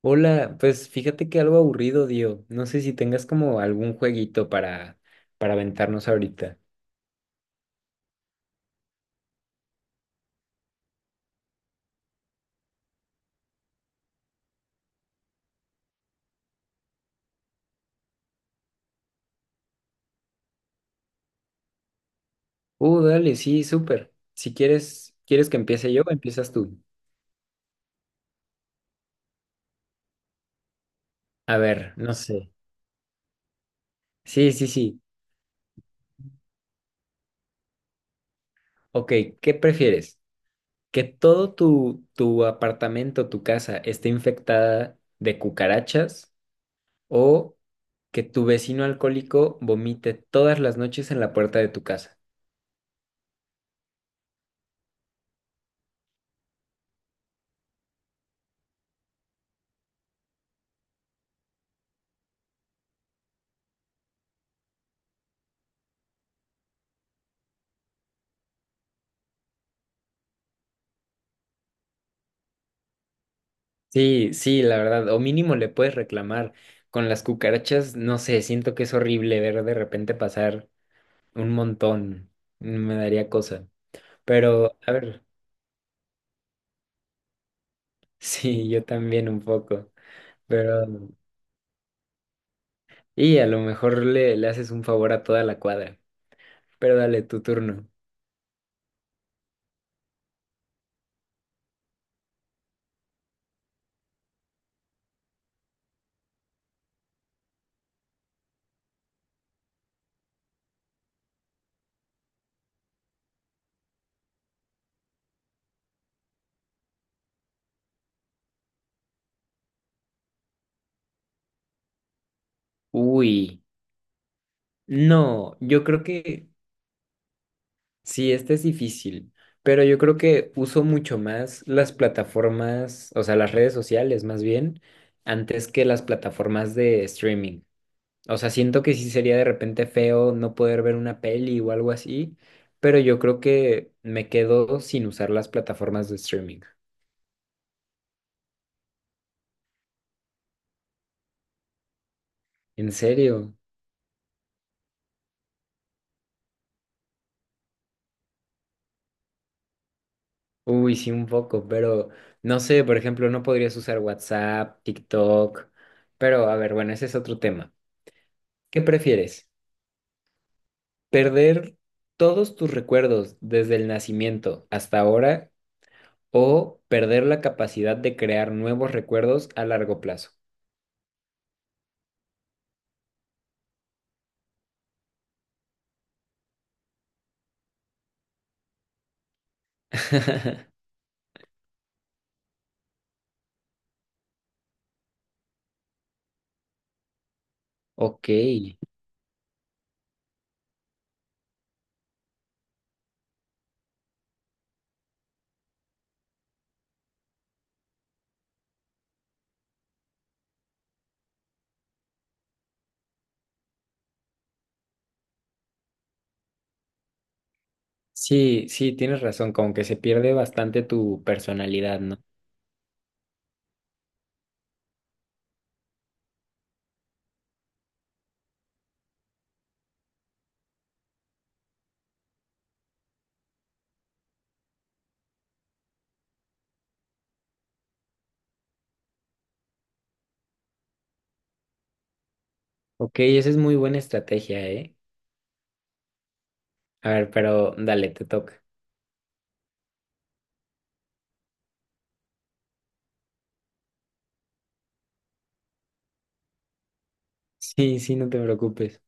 Hola, pues fíjate que algo aburrido, Dio. No sé si tengas como algún jueguito para aventarnos ahorita. Dale, sí, súper. Si quieres, ¿quieres que empiece yo o empiezas tú? A ver, no sé. Sí, sí, sí. Ok, ¿qué prefieres? ¿Que todo tu apartamento, tu casa, esté infectada de cucarachas o que tu vecino alcohólico vomite todas las noches en la puerta de tu casa? Sí, sí, la verdad, o mínimo le puedes reclamar. Con las cucarachas, no sé, siento que es horrible ver de repente pasar un montón. Me daría cosa. Pero, a ver, sí, yo también un poco. Pero, y a lo mejor le haces un favor a toda la cuadra. Pero dale tu turno. Uy, no, yo creo que sí, este es difícil, pero yo creo que uso mucho más las plataformas, o sea, las redes sociales más bien, antes que las plataformas de streaming. O sea, siento que sí sería de repente feo no poder ver una peli o algo así, pero yo creo que me quedo sin usar las plataformas de streaming. ¿En serio? Uy, sí, un poco, pero no sé, por ejemplo, no podrías usar WhatsApp, TikTok, pero a ver, bueno, ese es otro tema. ¿Qué prefieres? Perder todos tus recuerdos desde el nacimiento hasta ahora o perder la capacidad de crear nuevos recuerdos a largo plazo. Ok. Sí, sí, tienes razón, como que se pierde bastante tu personalidad, ¿no? Ok, esa es muy buena estrategia, ¿eh? A ver, pero dale, te toca. Sí, sí, no te preocupes.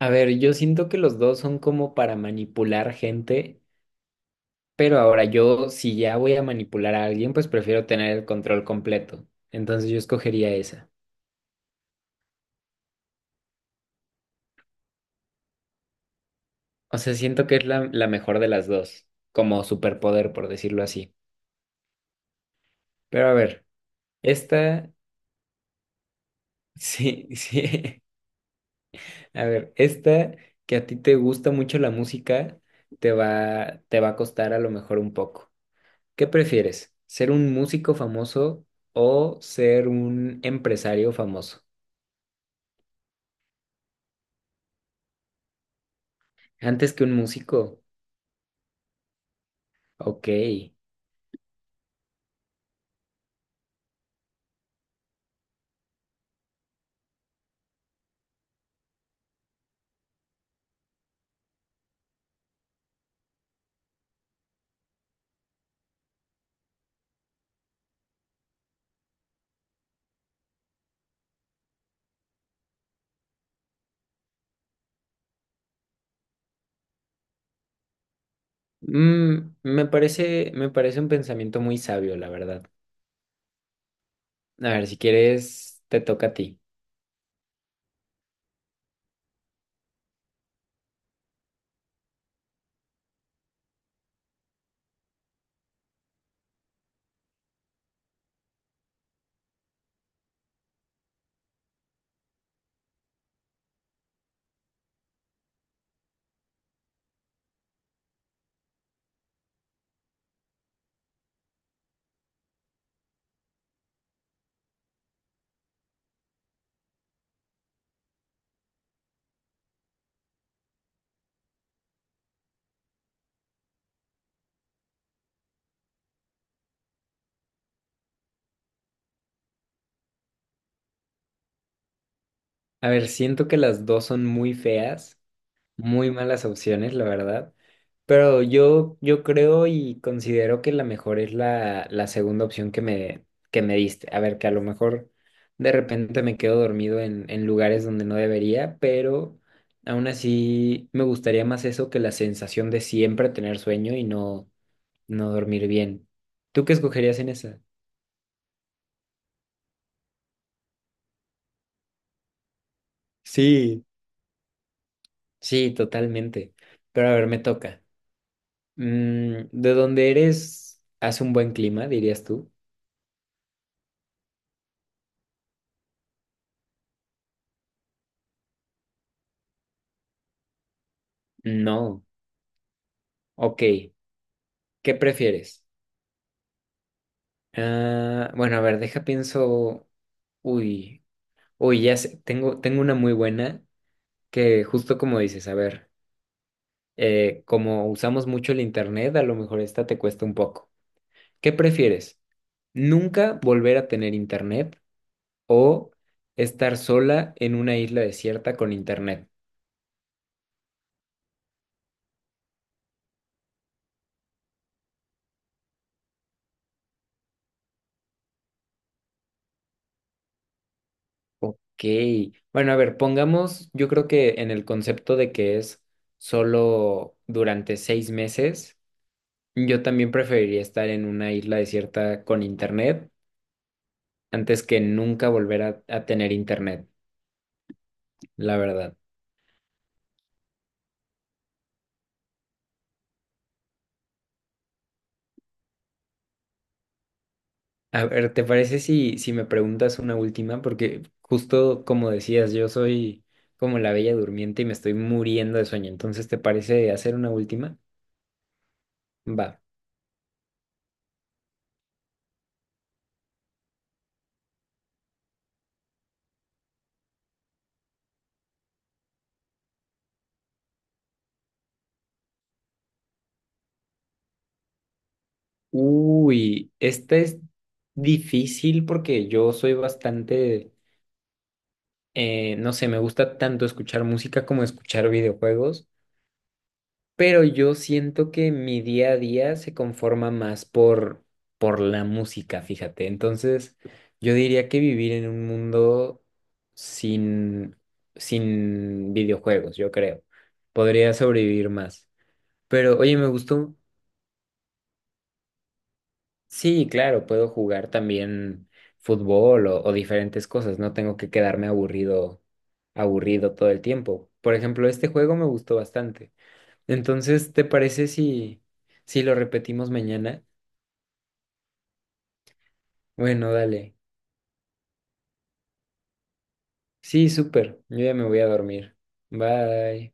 A ver, yo siento que los dos son como para manipular gente. Pero ahora yo, si ya voy a manipular a alguien, pues prefiero tener el control completo. Entonces yo escogería esa. O sea, siento que es la mejor de las dos, como superpoder, por decirlo así. Pero a ver, esta, sí, sí. A ver, esta que a ti te gusta mucho la música, te va a costar a lo mejor un poco. ¿Qué prefieres? ¿Ser un músico famoso o ser un empresario famoso? Antes que un músico. Ok. Mm, me parece un pensamiento muy sabio, la verdad. A ver, si quieres, te toca a ti. A ver, siento que las dos son muy feas, muy malas opciones, la verdad. Pero yo creo y considero que la mejor es la segunda opción que me diste. A ver, que a lo mejor de repente me quedo dormido en lugares donde no debería, pero aún así me gustaría más eso que la sensación de siempre tener sueño y no dormir bien. ¿Tú qué escogerías en esa? Sí, sí, totalmente. Pero a ver, me toca. Mm, ¿de dónde eres? ¿Hace un buen clima, dirías tú? No. Ok. ¿Qué prefieres? Ah, bueno, a ver, deja pienso. Uy, uy, ya sé, tengo, tengo una muy buena que justo como dices, a ver, como usamos mucho el internet, a lo mejor esta te cuesta un poco. ¿Qué prefieres? ¿Nunca volver a tener internet o estar sola en una isla desierta con internet? Ok. Bueno, a ver, pongamos, yo creo que en el concepto de que es solo durante 6 meses, yo también preferiría estar en una isla desierta con internet antes que nunca volver a tener internet, la verdad. A ver, ¿te parece si, si me preguntas una última? Porque justo como decías, yo soy como la bella durmiente y me estoy muriendo de sueño. Entonces, ¿te parece hacer una última? Va. Uy, esta es difícil porque yo soy bastante, no sé, me gusta tanto escuchar música como escuchar videojuegos, pero yo siento que mi día a día se conforma más por la música, fíjate. Entonces, yo diría que vivir en un mundo sin, sin videojuegos, yo creo. Podría sobrevivir más. Pero, oye, me gustó. Sí, claro, puedo jugar también fútbol o diferentes cosas, no tengo que quedarme aburrido todo el tiempo. Por ejemplo, este juego me gustó bastante. Entonces, ¿te parece si, si lo repetimos mañana? Bueno, dale. Sí, súper. Yo ya me voy a dormir. Bye.